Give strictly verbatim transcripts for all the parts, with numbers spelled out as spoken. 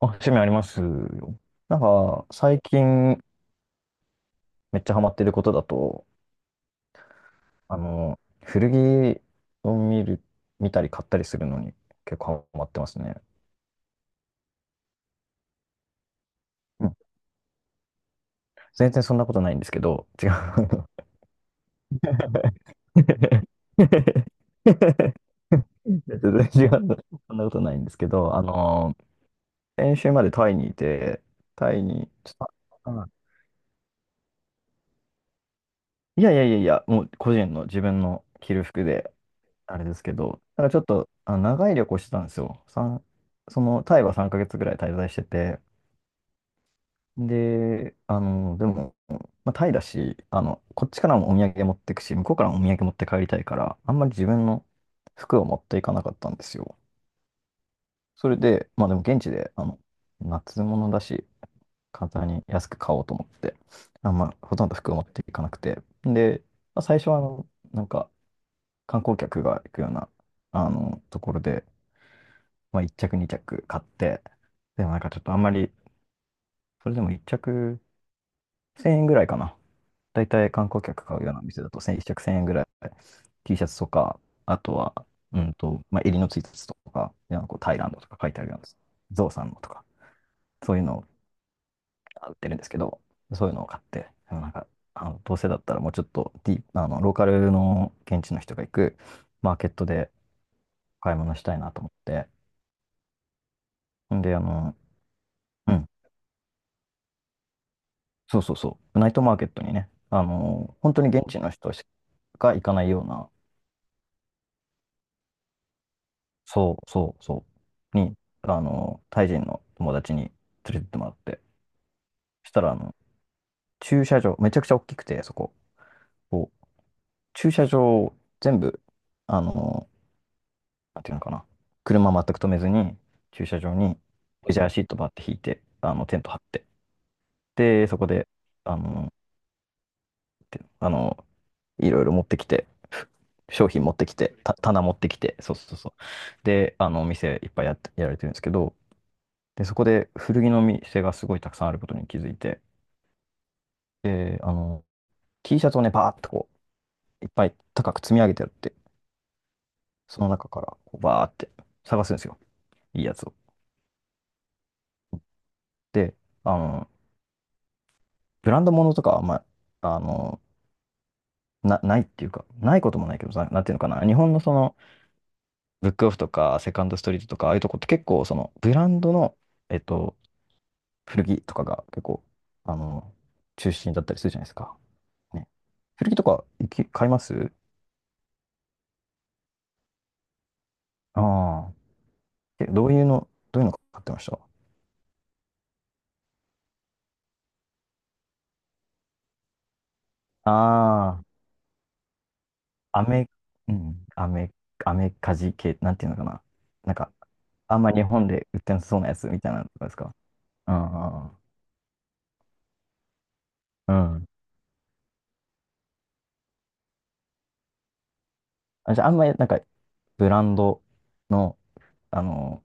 あ、趣味ありますよ。なんか、最近めっちゃハマってることだと、あの、古着を見る、見たり買ったりするのに結構ハマってますね。うん、全然そんなことないんですけど、違う。全然違う。そんなことないんですけど、あの、先週までタイにいて、タイに、ちょっと、あいやいやいやいや、もう個人の自分の着る服で、あれですけど、なんかちょっとあの長い旅行してたんですよ。三そのタイはさんかげつぐらい滞在してて、で、あの、でも、まあ、タイだし、あの、こっちからもお土産持ってくし、向こうからもお土産持って帰りたいから、あんまり自分の服を持っていかなかったんですよ。それで、まあでも現地で、あの、夏物だし、簡単に安く買おうと思って、あんまほとんど服を持っていかなくて、で、まあ、最初はあの、なんか観光客が行くような、あの、ところで、まあ、いっ着、に着買って、でもなんかちょっとあんまり、それでもいっ着せんえんぐらいかな。だいたい観光客買うような店だといっ着せんえんぐらい、T シャツとか、あとは、うんと、まあ、襟のついたやつとか、なんかこうタイランドとか書いてあるようなやつ、ゾウさんのとか、そういうのを売ってるんですけど、そういうのを買って、でもなんか、あのどうせだったらもうちょっとディープあのローカルの現地の人が行くマーケットで買い物したいなと思って、んで、あの、うん、そうそうそう。ナイトマーケットにね、あのー本当に現地の人しか行かないような、そうそうそう、に、あのータイ人の友達に連れてってもらって、そしたら、あの、駐車場、めちゃくちゃ大きくて、そこ、こう、駐車場を全部、あのーなんていうのかな、車全く止めずに、駐車場にレジャーシートばって引いて、あの、テント張って、で、そこで、あのーてあのいろいろ持ってきて、商品持ってきて、た棚持ってきて、そうそうそう。で、あの、お店いっぱいやって、やられてるんですけど、で、そこで古着の店がすごいたくさんあることに気づいて、で、あの、T シャツをね、バーっとこう、いっぱい高く積み上げてあって、その中からこうバーって探すんですよ。いいやつを。で、あの、ブランド物とかは、まあ、あの、な、ないっていうか、ないこともないけど、な、なんていうのかな、日本のその、ブックオフとか、セカンドストリートとか、ああいうとこって結構、その、ブランドの、えっと、古着とかが結構、あの、中心だったりするじゃないですか。ね。古着とか行き、買いますああー。え、どういうの、どういうの買ってましたああ、アメ、うん、アメ、アメカジ系、なんていうのかな。なんか、あんま日本で売ってなさそうなやつみたいなのとかですか？うんうん。うん、あ、じゃあ、あんまりなんか、ブランドの、あの、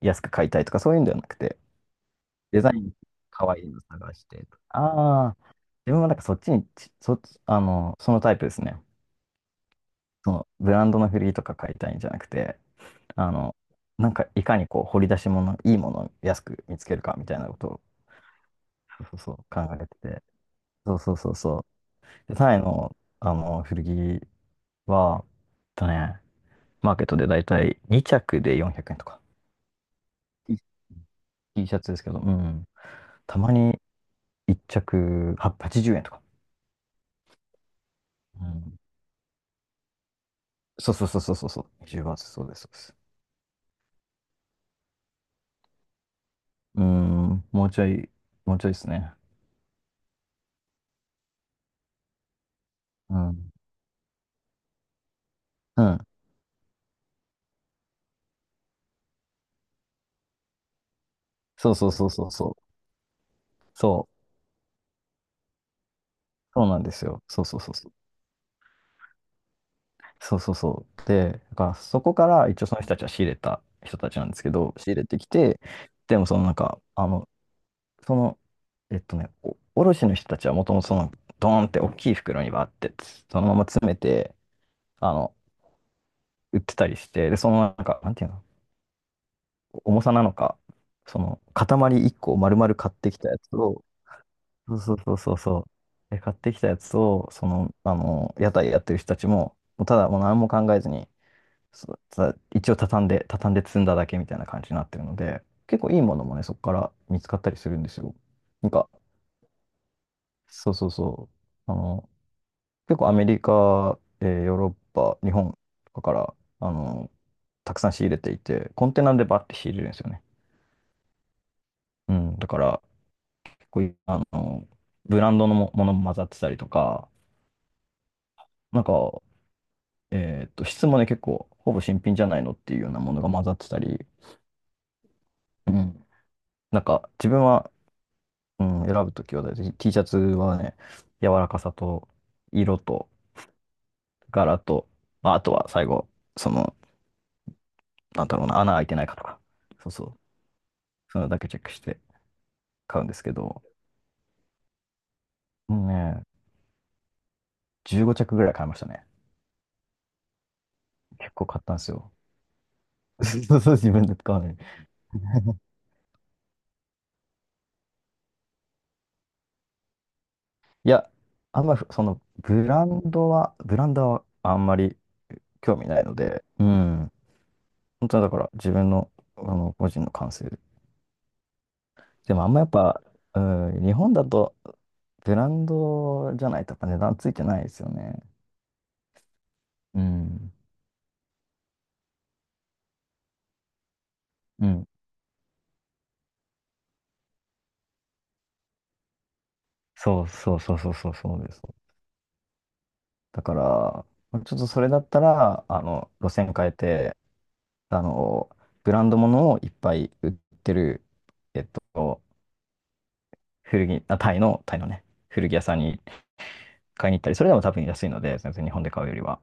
安く買いたいとかそういうんではなくて、デザイン可愛いの探してと。ああ、自分はなんかそっちにち、そっち、あの、そのタイプですね。そのブランドのフリーとか買いたいんじゃなくて、あの、なんかいかにこう掘り出し物、いいものを安く見つけるかみたいなことを、そうそうそう考えてて。そうそうそうそう。で、タイの、あの、古着は、えっとね、マーケットでだいたいに着でよんひゃくえんとか。T T シャツですけど、うん。たまにいっ着はっぴゃくはちじゅうえんとか。うん。そうそうそうそうそうそう。じゅうがつ、そうです、そうです。うーん、もうちょい、もうちょいですね。うん。うん。そうそうそうそうそう。そう。そうなんですよ。そうそうそうそう。そうそうそう。で、だからそこから一応その人たちは仕入れた人たちなんですけど、仕入れてきて、でもそのなんか、あの、その、えっとね、お卸の人たちはもともとその、ドーンって大きい袋にバーって、そのまま詰めて、あの、売ってたりして、で、そのなんか、なんていうの、重さなのか、その塊いっこを丸々買ってきたやつを、そうそうそうそうそう、で買ってきたやつを、その、あの、屋台やってる人たちも、もうただもう何も考えずに、そう、た一応畳んで、畳んで積んだだけみたいな感じになってるので、結構いいものもね、そこから見つかったりするんですよ。なんか、そうそうそう、あの、結構アメリカ、えーヨーロッパ、日本とかから、あの、たくさん仕入れていて、コンテナでバッて仕入れるんですよね。うん、だから、こういう、あの、ブランドのも、ものも混ざってたりとか、なんか、えーっと、質もね、結構、ほぼ新品じゃないのっていうようなものが混ざってたり、うん。なんか、自分は、うん、選ぶときは大体 T シャツはね、柔らかさと、色と、柄と、まあ、あとは最後、その、なんだろうな、穴開いてないかとか、そうそう、そういうのだけチェックして買うんですけど、もうね、じゅうご着ぐらい買いましたね。結構買ったんですよ。そうそう、自分で買わない。いや、あんまりそのブランドは、ブランドはあんまり興味ないので、うん。本当はだから自分の、あの個人の感性で。でもあんまやっぱ、うん、日本だとブランドじゃないとやっぱ値段ついてないですよね。うん。うん。そうそうそうそうそうそうです。だから、ちょっとそれだったら、あの、路線変えて、あの、ブランドものをいっぱい売ってる、えっと、古着、あ、タイの、タイのね、古着屋さんに行っ買いに行ったり、それでも多分安いので、全然日本で買うよりは。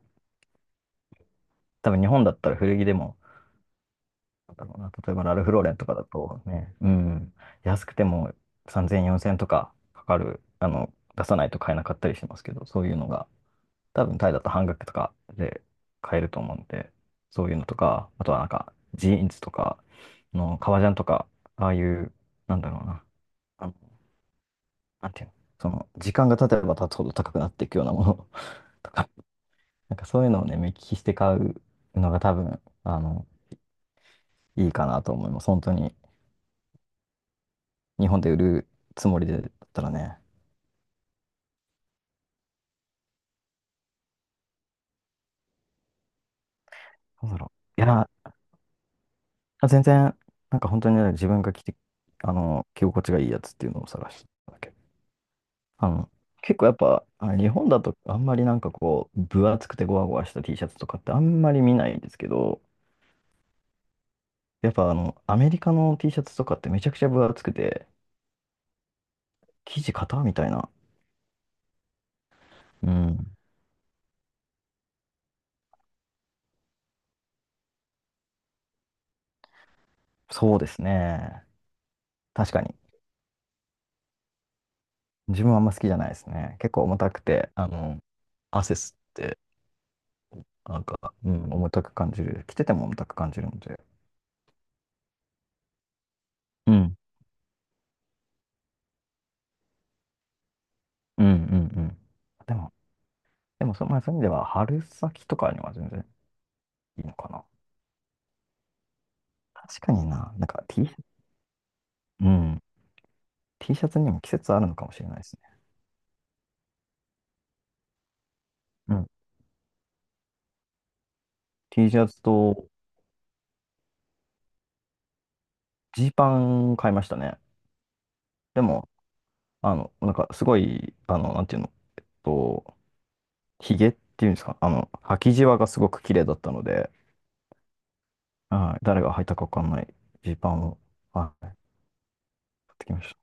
多分日本だったら古着でも、なんだろうな、例えばラルフローレンとかだとね、うん、安くてもさんぜん、よんせんとかかかる、あの、出さないと買えなかったりしますけど、そういうのが、多分タイだと半額とかで買えると思うんで、そういうのとか、あとはなんか、ジーンズとか、あの革ジャンとか、ああいう、なんだろうな、あの、なんていうの、その、時間が経てば経つほど高くなっていくようなもの とかなんかそういうのをね、目利きして買うのが多分、あの、いいかなと思います。本当に、日本で売るつもりでだったらね、なんだろう。いや、全然、なんか本当にね、自分が着て、あの、着心地がいいやつっていうのを探してただけ。あの、結構やっぱ、あ日本だとあんまりなんかこう、分厚くてゴワゴワした T シャツとかってあんまり見ないんですけど、やっぱあの、アメリカの T シャツとかってめちゃくちゃ分厚くて、生地硬みたいな。うん。そうですね。確かに。自分はあんま好きじゃないですね。結構重たくて、あの、汗吸って、なんか、うん、重たく感じる。着てても重たく感じるので。うん、うん、うん、うん。でも、でもそ、まあ、そういう意味では、春先とかには全然いいのかな。確かにな、なんか T、うん、T シャツにも季節あるのかもしれないですね。うん。T シャツとジーパン買いましたね。でも、あの、なんかすごい、あの、なんていうの、えっと、ヒゲっていうんですか、あの、履きじわがすごく綺麗だったので、はい。誰が履いたかわかんないジーパンを、はい、買ってきまし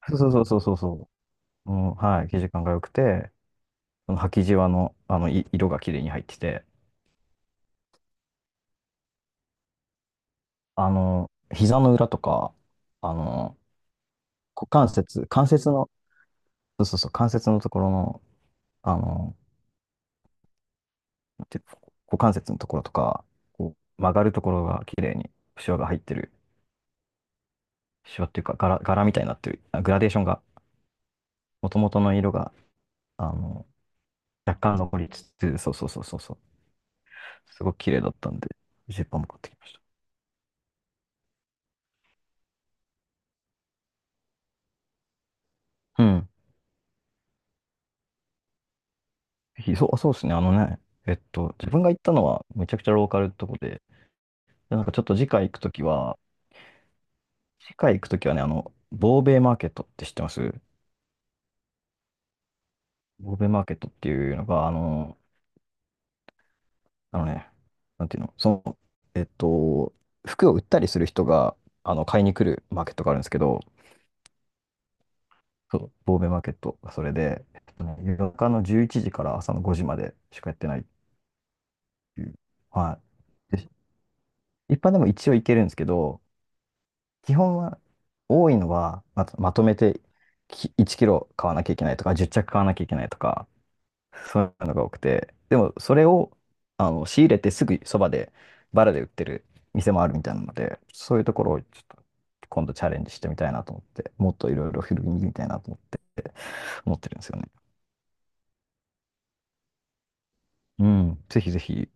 た。そうそうそうそうそう。うん、はい。生地感が良くて、その履きじわの、あの、い色が綺麗に入ってて、あの、膝の裏とか、あの、股関節、関節の、そうそうそう、関節のところの、あの、なんていうの股関節のところとか、こう曲がるところが綺麗に、シワが入ってる。シワっていうか、柄、柄みたいになってる。あグラデーションが、もともとの色が、あの、若干残りつつ、そうそうそうそうそう。すごく綺麗だったんで、ジーパンも買ってきました。うん。ぜひそう、そうですね。あのね、えっと、自分が行ったのはめちゃくちゃローカルってとこで、でなんかちょっと次回行くときは、次回行くときはね、あの、ボーベイマーケットって知ってます？ボーベイマーケットっていうのが、あの、あのね、なんていうの、その、えっと、服を売ったりする人が、あの、買いに来るマーケットがあるんですけど、そう、ボーベイマーケットがそれで、えっとね、夜中のじゅういちじから朝のごじまでしかやってないっていう、はい。一般でも一応いけるんですけど、基本は多いのはまと、まとめてきいちキロ買わなきゃいけないとか、じゅっちゃく着買わなきゃいけないとか、そういうのが多くて、でもそれをあの仕入れてすぐそばでバラで売ってる店もあるみたいなので、そういうところをちょっと今度チャレンジしてみたいなと思って、もっといろいろ広げてみたいなと思って、思ってるんですよね。うん、ぜひぜひ。